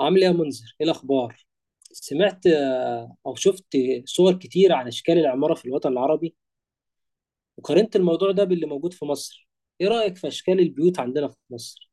عامل ايه يا منذر؟ ايه الاخبار؟ سمعت او شفت صور كتير عن اشكال العمارة في الوطن العربي، وقارنت الموضوع ده باللي موجود في مصر. ايه رأيك في اشكال البيوت عندنا في مصر؟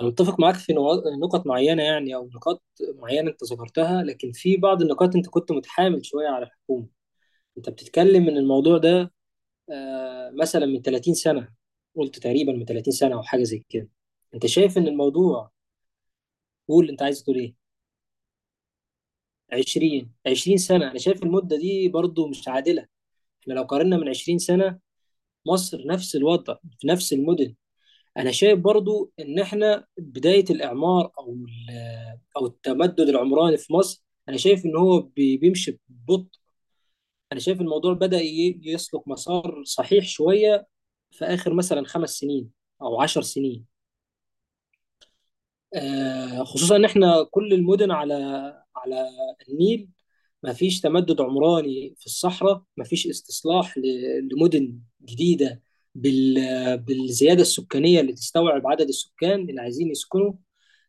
انا متفق معاك في نقط معينة، يعني او نقاط معينة انت ذكرتها، لكن في بعض النقاط انت كنت متحامل شوية على الحكومة. انت بتتكلم ان الموضوع ده مثلا من 30 سنة، قلت تقريبا من 30 سنة او حاجة زي كده. انت شايف ان الموضوع، قول انت عايز تقول ايه؟ 20، 20 سنة أنا شايف المدة دي برضو مش عادلة. احنا لو قارنا من 20 سنة، مصر نفس الوضع في نفس المدن. أنا شايف برضو إن احنا بداية الإعمار أو أو التمدد العمراني في مصر. أنا شايف إن هو بيمشي ببطء. أنا شايف الموضوع بدأ يسلك مسار صحيح شوية في آخر مثلا 5 سنين أو 10 سنين، خصوصا ان احنا كل المدن على النيل. ما فيش تمدد عمراني في الصحراء، ما فيش استصلاح لمدن جديده بالزياده السكانيه اللي تستوعب عدد السكان اللي عايزين يسكنوا.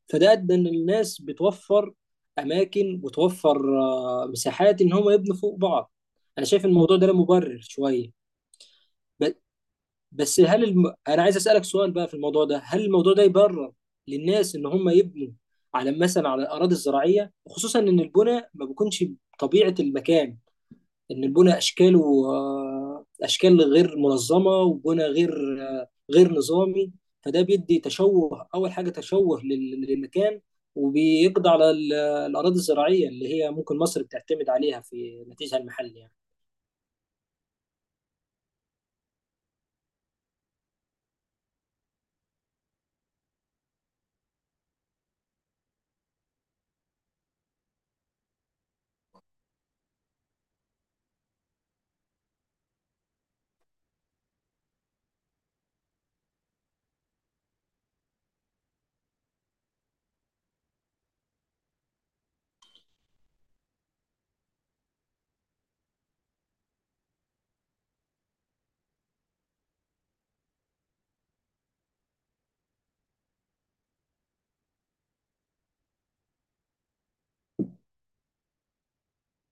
فده ادى ان الناس بتوفر اماكن وتوفر مساحات ان هم يبنوا فوق بعض. انا شايف الموضوع ده له مبرر شويه. ب- بس هل انا عايز اسالك سؤال بقى في الموضوع ده، هل الموضوع ده يبرر للناس ان هم يبنوا على، مثلا، على الاراضي الزراعيه، خصوصا ان البناء ما بيكونش طبيعه المكان، ان البناء اشكاله اشكال غير منظمه، وبناء غير نظامي؟ فده بيدي تشوه، اول حاجه تشوه للمكان، وبيقضي على الاراضي الزراعيه اللي هي ممكن مصر بتعتمد عليها في نتيجها المحلي يعني.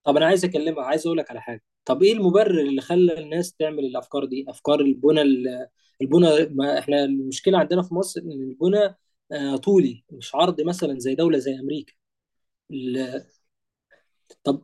طب انا عايز اكلمها، عايز اقول لك على حاجه. طب ايه المبرر اللي خلى الناس تعمل الافكار دي، افكار البنى البنى؟ ما احنا المشكله عندنا في مصر ان البنى طولي مش عرض، مثلا زي دوله زي امريكا. ال- طب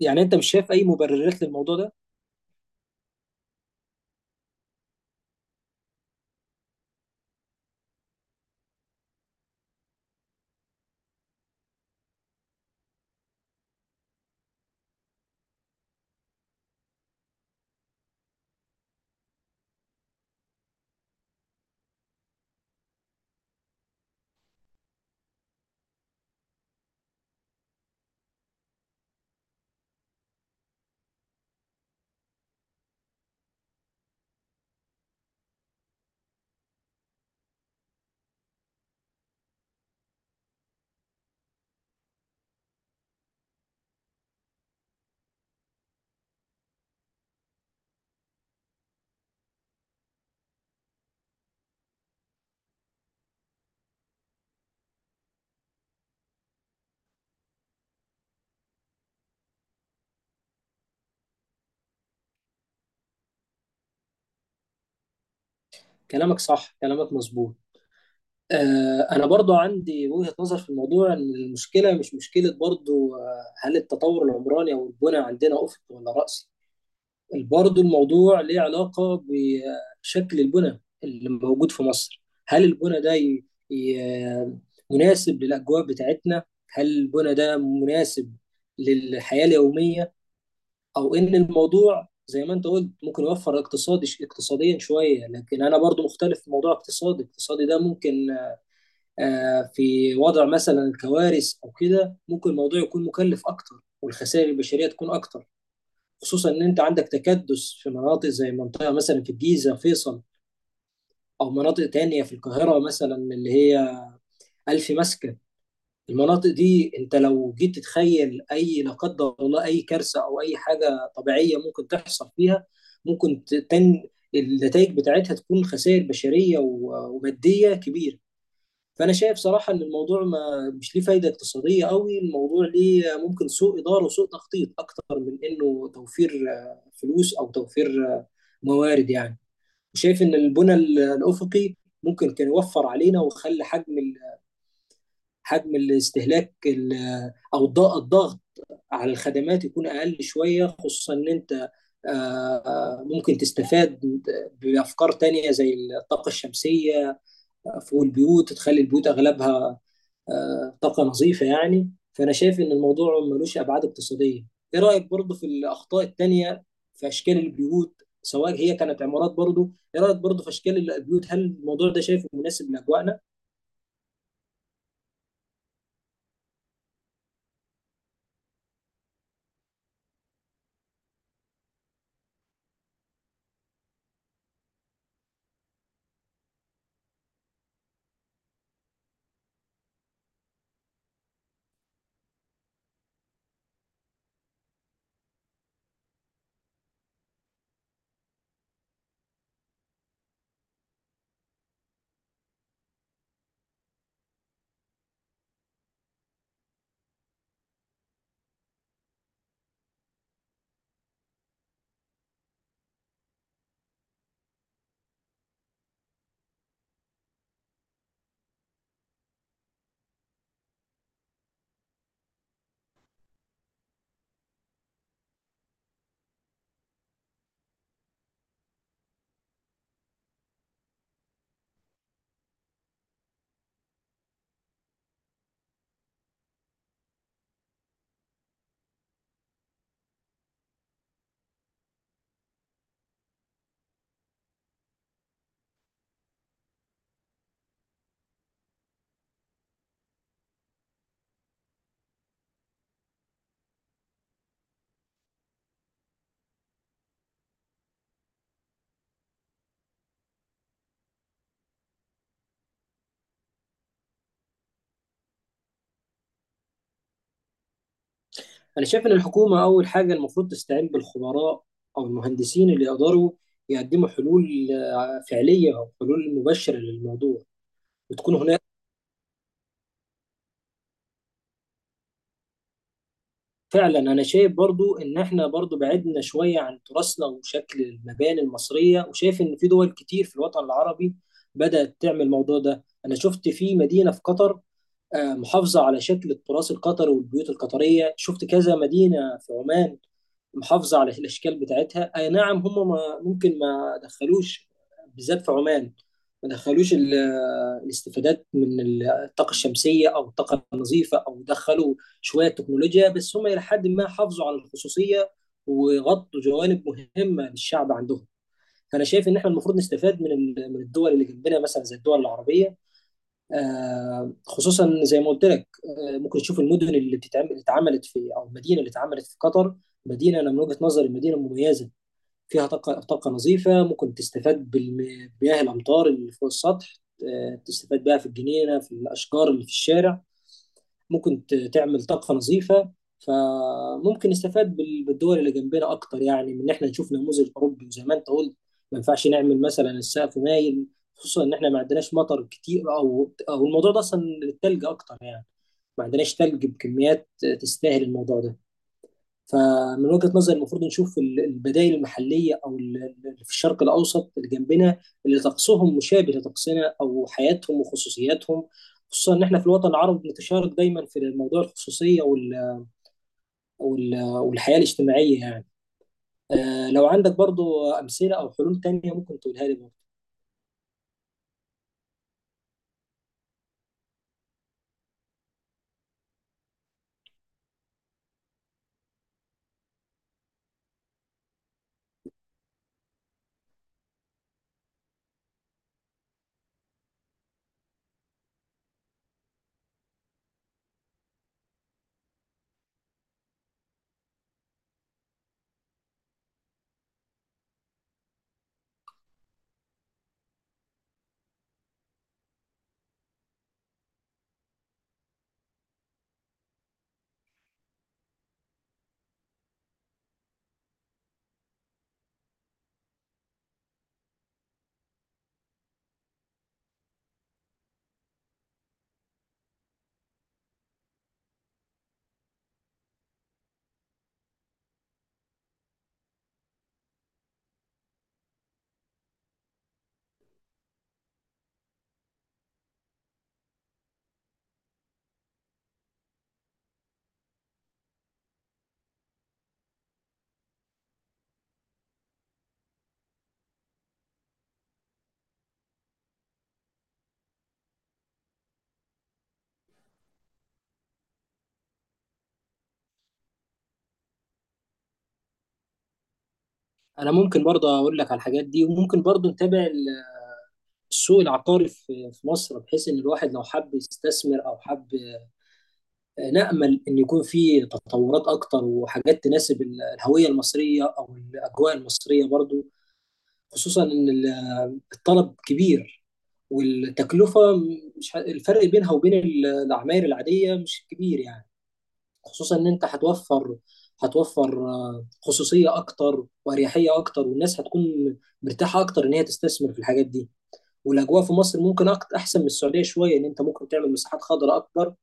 يعني انت مش شايف اي مبررات للموضوع ده؟ كلامك صح، كلامك مظبوط. انا برضو عندي وجهه نظر في الموضوع، ان المشكله مش مشكله برضو. هل التطور العمراني او البنى عندنا افق ولا رأس؟ برضه الموضوع ليه علاقة بشكل البنى اللي موجود في مصر. هل البنى ده ي... مناسب للأجواء بتاعتنا؟ هل البنى ده مناسب للحياة اليومية؟ أو إن الموضوع، زي ما أنت قلت، ممكن يوفر اقتصادي اقتصاديا شوية، لكن أنا برضو مختلف في موضوع اقتصادي ده. ممكن في وضع مثلا الكوارث أو كده ممكن الموضوع يكون مكلف أكتر، والخسائر البشرية تكون أكتر، خصوصا ان انت عندك تكدس في مناطق زي منطقه مثلا في الجيزه، فيصل، او مناطق تانية في القاهره مثلا، اللي هي الف مسكن. المناطق دي انت لو جيت تتخيل اي، لا قدر الله، اي كارثه او اي حاجه طبيعيه ممكن تحصل فيها، ممكن ت- تن النتائج بتاعتها تكون خسائر بشريه وماديه كبيره. فانا شايف صراحه ان الموضوع ما مش ليه فايده اقتصاديه قوي، الموضوع ليه ممكن سوء اداره وسوء تخطيط اكتر من انه توفير فلوس او توفير موارد يعني. وشايف ان البنى الافقي ممكن كان يوفر علينا، وخلى حجم حجم الاستهلاك او الضغط على الخدمات يكون اقل شويه، خصوصا ان انت ممكن تستفاد بافكار تانية زي الطاقه الشمسيه فوق البيوت تخلي البيوت اغلبها طاقة نظيفة يعني. فأنا شايف إن الموضوع ملوش أبعاد اقتصادية. إيه رأيك برضه في الأخطاء التانية في أشكال البيوت، سواء هي كانت عمارات؟ برضه إيه رأيك برضه في أشكال البيوت؟ هل الموضوع ده شايفه مناسب لأجواءنا؟ أنا شايف إن الحكومة أول حاجة المفروض تستعين بالخبراء أو المهندسين اللي يقدروا يقدموا حلول فعلية أو حلول مبشرة للموضوع، وتكون هناك فعلا. انا شايف برضو ان احنا برضو بعدنا شوية عن تراثنا وشكل المباني المصرية، وشايف ان في دول كتير في الوطن العربي بدأت تعمل الموضوع ده. انا شفت في مدينة في قطر، محافظة على شكل التراث القطري والبيوت القطرية. شفت كذا مدينة في عمان محافظه على الاشكال بتاعتها. اي نعم، هم ما ممكن، ما دخلوش بالذات في عمان، ما دخلوش الاستفادات من الطاقه الشمسيه او الطاقه النظيفه، او دخلوا شويه تكنولوجيا، بس هم الى حد ما حافظوا على الخصوصيه وغطوا جوانب مهمه للشعب عندهم. فانا شايف ان احنا المفروض نستفاد من الدول اللي جنبنا، مثلا زي الدول العربيه. خصوصا زي ما قلت لك، ممكن تشوف المدن اللي بتتعمل، اللي اتعملت في، او المدينه اللي اتعملت في قطر. مدينه، انا من وجهه نظري، مدينه مميزه فيها طاقه نظيفه، ممكن تستفاد بالمياه، الامطار اللي فوق السطح، تستفاد بها في الجنينه، في الاشجار اللي في الشارع. ممكن تعمل طاقة نظيفة. فممكن نستفاد بالدول اللي جنبنا أكتر، يعني من إن إحنا نشوف نموذج أوروبي. وزي ما أنت قلت، ما ينفعش نعمل مثلا السقف مايل، خصوصا إن إحنا ما عندناش مطر كتير، أو الموضوع ده أصلا للتلج أكتر يعني. ما عندناش تلج بكميات تستاهل الموضوع ده. فمن وجهة نظري المفروض نشوف البدائل المحلية، أو في الشرق الأوسط اللي جنبنا، اللي طقسهم مشابه لطقسنا، أو حياتهم وخصوصياتهم، خصوصا إن إحنا في الوطن العربي بنتشارك دايما في موضوع الخصوصية والحياة الاجتماعية يعني. لو عندك برضو أمثلة أو حلول تانية ممكن تقولها لي برضو. أنا ممكن برضو أقول لك على الحاجات دي، وممكن برضو نتابع السوق العقاري في مصر، بحيث إن الواحد لو حب يستثمر أو حب، نأمل إن يكون في تطورات أكتر وحاجات تناسب الهوية المصرية أو الأجواء المصرية برضو، خصوصا إن الطلب كبير والتكلفة مش الفرق بينها وبين العماير العادية مش كبير يعني، خصوصا إن أنت هتوفر خصوصية أكتر وأريحية أكتر، والناس هتكون مرتاحة أكتر إن هي تستثمر في الحاجات دي. والأجواء في مصر ممكن أكتر أحسن من السعودية شوية، إن أنت ممكن تعمل مساحات خضراء أكبر،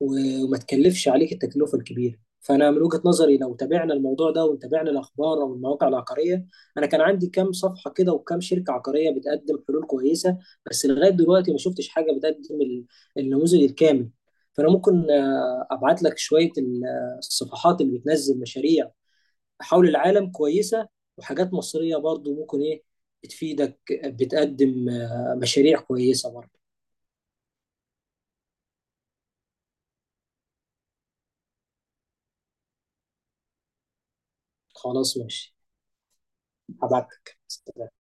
وما تكلفش عليك التكلفة الكبيرة. فأنا من وجهة نظري لو تابعنا الموضوع ده وتابعنا الأخبار أو المواقع العقارية، أنا كان عندي كام صفحة كده وكام شركة عقارية بتقدم حلول كويسة، بس لغاية دلوقتي ما شفتش حاجة بتقدم النموذج الكامل. فأنا ممكن أبعت لك شوية الصفحات اللي بتنزل مشاريع حول العالم كويسة، وحاجات مصرية برضو، ممكن إيه، بتفيدك، بتقدم مشاريع كويسة برضو. خلاص، ماشي. هبعت لك.